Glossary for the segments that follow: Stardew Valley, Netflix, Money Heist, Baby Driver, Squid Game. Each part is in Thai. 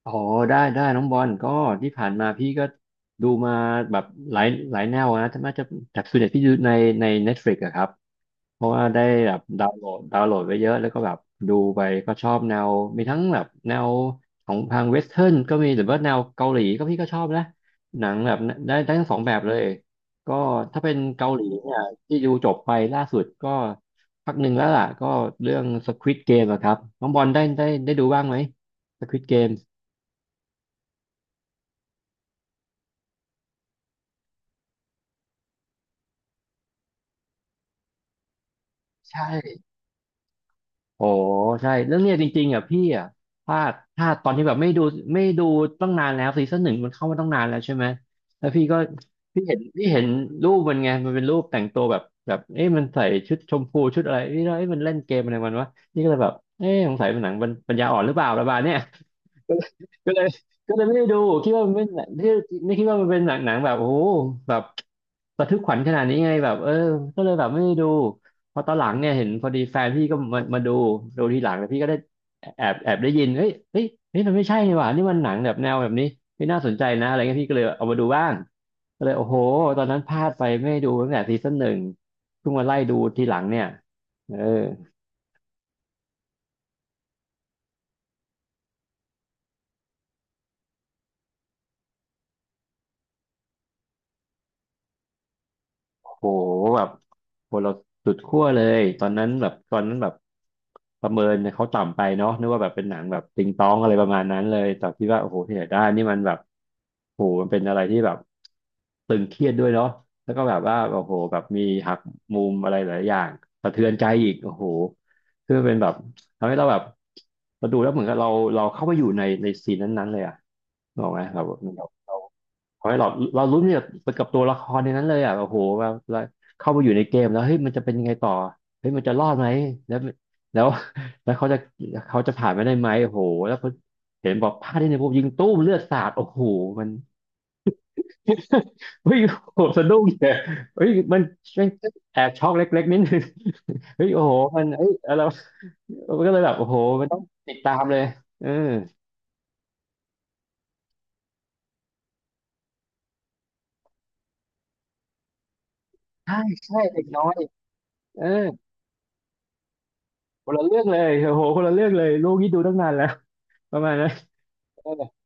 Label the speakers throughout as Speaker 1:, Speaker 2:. Speaker 1: โอ้โหได้ได้น้องบอลก็ที่ผ่านมาพี่ก็ดูมาแบบหลายหลายแนวนะน่าจะแบบส่วนใหญ่พี่ดูในNetflix อะครับเพราะว่าได้แบบดาวน์โหลดไว้เยอะแล้วก็แบบดูไปก็ชอบแนวมีทั้งแบบแนวของทางเวสเทิร์นก็มีหรือว่าแนวเกาหลีก็พี่ก็ชอบนะหนังแบบได้ได้ทั้งสองแบบเลยก็ถ้าเป็นเกาหลีเนี่ยที่ดูจบไปล่าสุดก็พักหนึ่งแล้วล่ะก็เรื่อง Squid Game อะครับน้องบอลได้ได้ดูบ้างไหม Squid Game ใช่ โอ้ใช่แล้วเนี่ยจริงๆอ่ะพี่อ่ะพลาดตอนที่แบบไม่ดูตั้งนานแล้วซีซั่นหนึ่งมันเข้ามาตั้งนานแล้วใช่ไหมแล้วพี่ก็พี่เห็นรูปมันไงมันเป็นรูปแต่งตัวแบบแบบเอ๊ะมันใส่ชุดชมพูชุดอะไรเอ๊ะแล้วเอ๊ะมันเล่นเกมอะไรมันวะนี่ก็เลยแบบเอ๊ะสงสัยมันหนังปัญญาอ่อนหรือเปล่าประมาณเนี้ย ก็เลยก็เลยไม่ได้ดูคิดว่ามันเป็นหนังที่ไม่คิดว่ามันเป็นหนังแบบโอ้โหแบบ ระทึกขวัญขนาดนี้ไงแบบเออก็เลยแบบไม่ได้ดูพอตอนหลังเนี่ยเห็นพอดีแฟนพี่ก็มาดูดูทีหลังแต่พี่ก็ได้แอบได้ยินเฮ้ยมันไม่ใช่นี่หว่านี่มันหนังแบบแนวแบบนี้ไม่น่าสนใจนะอะไรเงี้ยพี่ก็เลยเอามาดูบ้างก็เลยโอ้โหตอนนั้นพลาดไปไม่ได้ดูตั้งแต่ซีซั่นหนึ่งเพิ่งมาไล่ดูทีหลังเนี่ยเออ โหแบบโหเราสุดขั้วเลยตอนนั้นแบบประเมินเขาต่ำไปเนาะนึกว่าแบบเป็นหนังแบบติงตองอะไรประมาณนั้นเลยแต่คิดว่าโอ้โหที่ไหนได้นี่มันแบบโหมันเป็นอะไรที่แบบตึงเครียดด้วยเนาะแล้วก็แบบว่าโอ้โหแบบมีหักมุมอะไรหลายอย่างสะเทือนใจอีกโอ้โหคือมันเป็นแบบทำให้เราแบบเราดูแล้วเหมือนกับเราเข้าไปอยู่ในซีนนั้นๆเลยอะบอกไหมครับ ขอให้เราเรารุ้นเนี่ยกับตัวละครในนั้นเลยอ่ะโอ้โหแบบเราเข้ามาอยู่ในเกมแล้วเฮ้ยมันจะเป็นยังไงต่อเฮ้ยมันจะรอดไหมแล้วแล้ว แล้วเขาจะเขาจะผ่านไปได้ไหมโอ้โหแล้วพอเห็นบอกพลาดที่ในพวกยิงตู้มเลือดสาดโอ้โหมัน เฮ้ยโอ้โหสะดุ้งเลยเฮ้ยมันแอบช็อกเล็กๆนิดนึงเฮ้ยโอ้โหมันเอ้ยอะไรวะมันก็เลยแบบโอ้โหมันต้องติดตามเลยเออใช่ใช่เด็กน้อยเออคนละเรื่องเลยโอ้โหคนละเรื่องเลยลูกนี่ดูตั้งนานแล้วประมาณนั้น เออ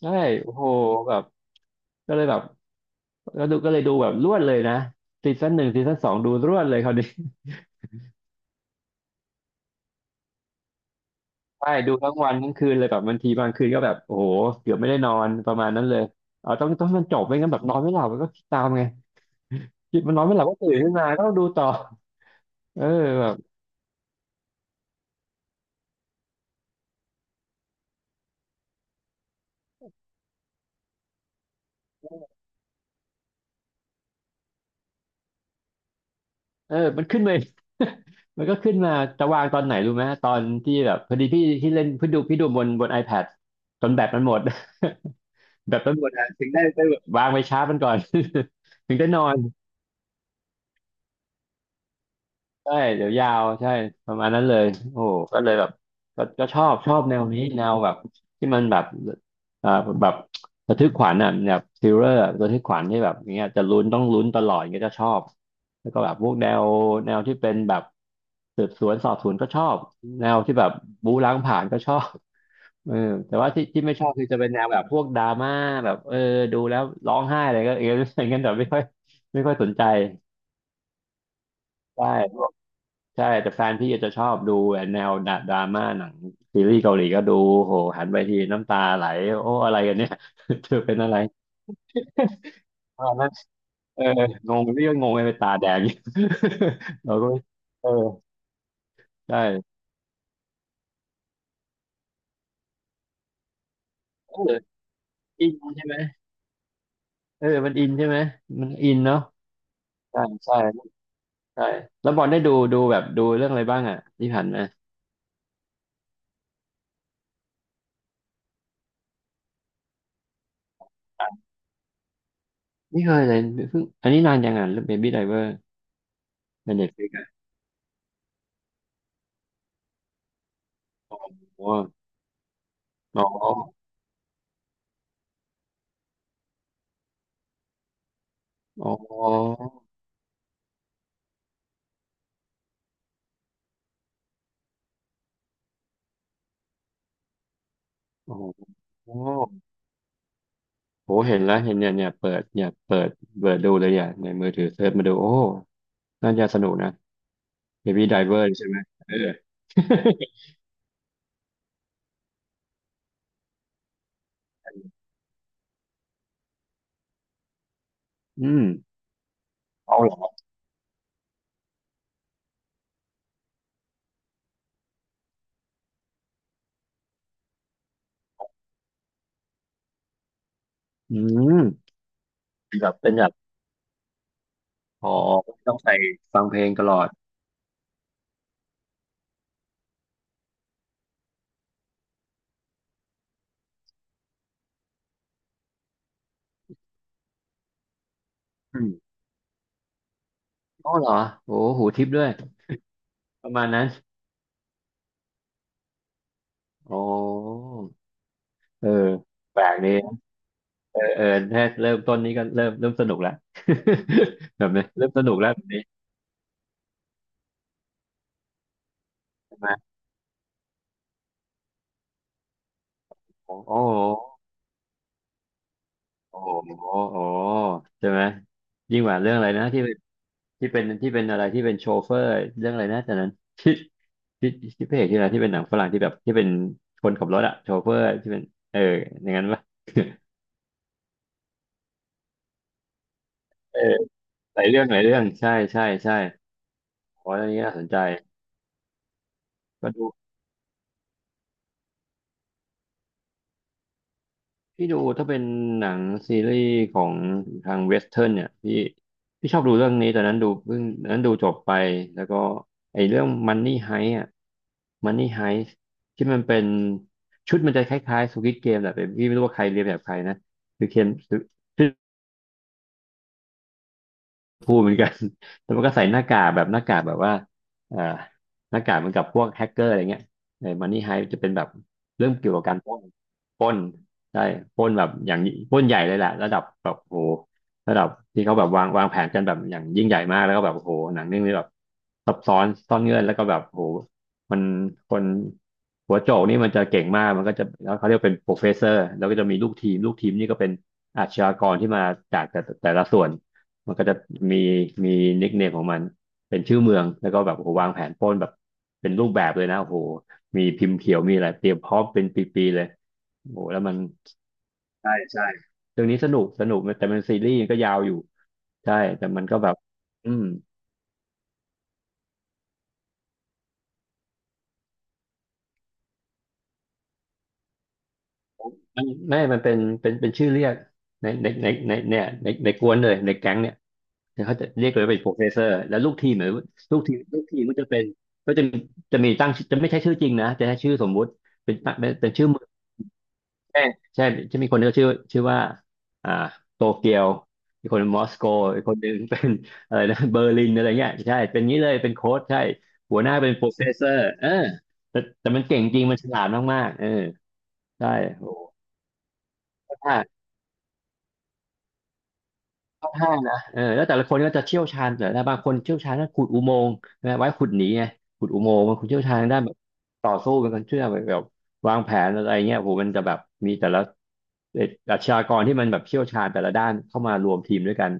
Speaker 1: ใช่โอ้โหแบบก็เลยแบบก็เลยดูแบบรวดเลยนะซีซั่นหนึ่งซีซั่นสองดูรวดเลยคราวนี้ ใช่ดูทั้งวันทั้งคืนเลยแบบบางทีบางคืนก็แบบโอ้โหเกือบไม่ได้นอนประมาณนั้นเลยเอาต้องมันจบไม่งั้นแบบนอนไม่หลับมันก็คิดตามไงคิดมันนอนไม่หลับก็ตื่นขึ้นมาก็ต้องดูต่อเออแบบเออมันขึ้นเลย มันก็ขึ้นมาจะวางตอนไหนรู้ไหมตอนที่แบบพอดีพี่ที่เล่นพี่ดูพี่ดูบน iPad จนแบตมันหมด แบตมันหมดอะถึงได้ไปวางไปชาร์จมันก่อน ถึงได้นอน ใช่เดี๋ยวยาวใช่ประมาณนั้นเลยโอ้โหก็เลยแบบก็ชอบแนวนี้แนวแบบที่มันแบบอ่าแบบระทึกขวัญอ่ะแบบทริลเลอร์ระทึกขวัญที่แบบเนี้ยจะลุ้นต้องลุ้นตลอด่เงี้ยจะชอบแล้วก็แบบพวกแนวที่เป็นแบบสืบสวนสอบสวนก็ชอบแนวที่แบบบู๊ล้างผลาญก็ชอบเออแต่ว่าที่ไม่ชอบคือจะเป็นแนวแบบพวกดราม่าแบบเออดูแล้วร้องไห้อะไรก็เออ อย่างเงี้ยแต่ไม่ค่อยสนใจใช่ ใช่แต่แฟนพี่อาจจะชอบดูแนวดราม่าหนังซีรีส์เกาหลีก็ดูโหหันไปทีน้ำตาไหลโอ้อะไรกันเนี่ย เธอเป็นอะไรตอนนั้นเอองงพี่ก็งงไปตาแดง อยู่ เราก็ไม่เออใช่เอออินใช่ไหมเออมันอินใช่ไหมมันอินเนาะใช่ใช่ใช่แล้วบอลได้ดูดูแบบดูเรื่องอะไรบ้างอ่ะที่ผ่านมาไม่เคยเลยเพิ่งอันนี้นานยังอ่ะเบบี้ไดเวอร์ในเน็ตฟลิกอ่ะอออ๋ออ๋ออ๋ออ๋อ โอ้เห็นแล้วเห็นเนี่ยเนี่ยเปิดเนี่ยเปิดเปิดดูเลยอ่ะในมือถือเซิร์ชมาดู โอ้น่าจะสนุกนะ Baby Driver ใช่ไหมเออ อืมเอาเหรออืมเป็นแบบเป็นแบบอ๋อต้องใส่ฟังเพลงตลอดอืมอ๋อเหรอโอ้หูทิปด้วยประมาณนั้นโอ้เออแปลกดีเออเออแค่เริ่มต้นนี้ก็เริ่มสนุกแล้ว แบบนี้เริ่มสนุกแล้วแบบนี้ใช่ไหมโอ้โห โอ้โหโอ้ใช่ไหมยิ่งกว่าเรื่องอะไรนะที่เป็นที่เป็นอะไรที่เป็นโชเฟอร์เรื่องอะไรนะแต่นั้นที่พระเอกที่อะไรที่เป็นหนังฝรั่งที่แบบที่เป็นคนขับรถอะโชเฟอร์ที่เป็นเอออย่างนั้นปะเออหลายเรื่องใช่โอ้เรื่องนี้น่าสนใจก็ดู พี่ดูถ้าเป็นหนังซีรีส์ของทางเวสเทิร์นเนี่ยพี่พี่ชอบดูเรื่องนี้ตอนนั้นดูเพิ่งตอนนั้นดูจบไปแล้วก็ไอ้เรื่อง Money Heist อ่ะ Money Heist ที่มันเป็นชุดมันจะคล้ายๆ Squid Game แหละแต่พี่ไม่รู้ว่าใครเรียนแบบใครนะคือเคน พูดเหมือนกัน แต่มันก็ใส่หน้ากากแบบหน้ากากแบบว่าเอ่อหน้ากากเหมือนกับพวกแฮกเกอร์อะไรเงี้ยเออมันนี่ไฮจะเป็นแบบเรื่องเกี่ยวกับการปล้นปล้นได้ปล้นแบบอย่างปล้นใหญ่เลยแหละระดับแบบโอ้โหระดับที่เขาแบบวางแผนกันแบบอย่างยิ่งใหญ่มากแล้วก็แบบโอ้โหหนังเรื่องนี้แบบซับซ้อนซ่อนเงื่อนแล้วก็แบบโอ้โหมันคนหัวโจกนี่มันจะเก่งมากมันก็จะแล้วเขาเรียกเป็นโปรเฟสเซอร์แล้วก็จะมีลูกทีมลูกทีมนี่ก็เป็นอาชญากรที่มาจากแต่ละส่วน มันก็จะมีมีนิคเนมของมันเป็นชื่อเมืองแล้วก็แบบโอ้โหวางแผนปล้นแบบเป็นรูปแบบเลยนะโอ้โหมีพิมพ์เขียวมีอะไรเตรียมพร้อมเป็นปีๆเลยโอ้โหแล้วมันใช่เรื่องนี้สนุกแต่มันซีรีส์ก็ยาวอยู่ใช่แต่มันก็แบบอืมมันเป็นเป็นชื่อเรียกในเนี่ยในกวนเลยในแก๊งเนี่ยเขาจะเรียกเลยว่าเป็นโปรเฟสเซอร์แล้วลูกทีมหรือลูกทีมก็จะเป็นก็จะจะมีตั้งจะไม่ใช่ชื่อจริงนะจะใช้ชื่อสมมุติเป็นเป็นชื่อ ใช่ใช่จะมีคนที่ชื่อชื่อว่าอ่าโตเกียวอีกคนมอสโกอีกคนหนึ่งเป็น อะไรนะเบอร์ลินอะไรเงี้ยใช่เป็นงี้เลยเป็นโค้ชใช่หัวหน้าเป็นโปรเฟสเซอร์เออแต่มันเก่งจริงมันฉลาดมากๆเออใช่โอ้ ค่อนข้างนะเออแล้วแต่ละคนก็จะเชี่ยวชาญแต่ละบางคนเชี่ยวชาญด้านขุดอุโมงค์นะไว้ขุดหนีไงขุดอุโมงค์บางคนเชี่ยวชาญด้านแบบต่อสู้เป็นคนเชื่อแบบวางแผนอะไรเงี้ยโหมันจะแบบมีแต่ละเอ่ออาชญากรที่มันแบบเชี่ยวชาญแต่ละด้านเข้ามารวมทีมด้วยกัน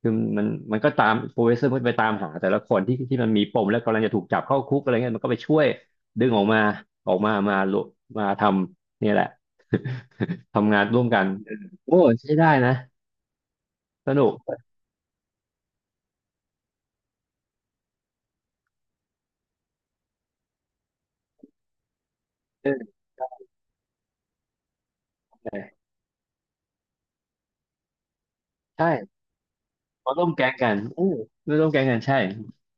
Speaker 1: คือมันก็ตามโปรเฟสเซอร์มันไปตามหาแต่ละคนที่มันมีปมแล้วกำลังจะถูกจับเข้าคุกอะไรเงี้ยมันก็ไปช่วยดึงออกมาออกมามามาทำเนี่ยแหละ ทำงานร่วมกันโอ้ใช้ได้นะสนุก ใช่ใช่เขาร่วมแก๊งกันเออร่วมแก๊งกันใช่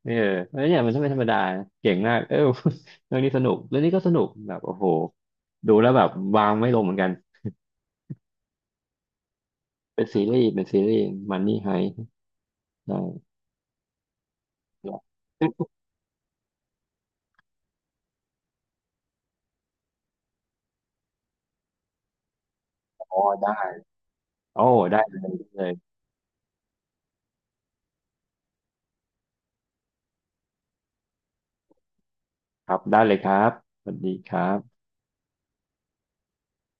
Speaker 1: เออแล้วเนี่ยมันไม่ธรรมดาเก่งมากเออ เรื่องนี้สนุกเรื่องนี้ก็สนุกแบบโอ้โหดูแล้วแบบวางไม่ลงเหมือนกันเป็นซีรีส์มันนี่ไฮได้ อ๋อได้โอ้ได้เลยครับสวัสดีครับ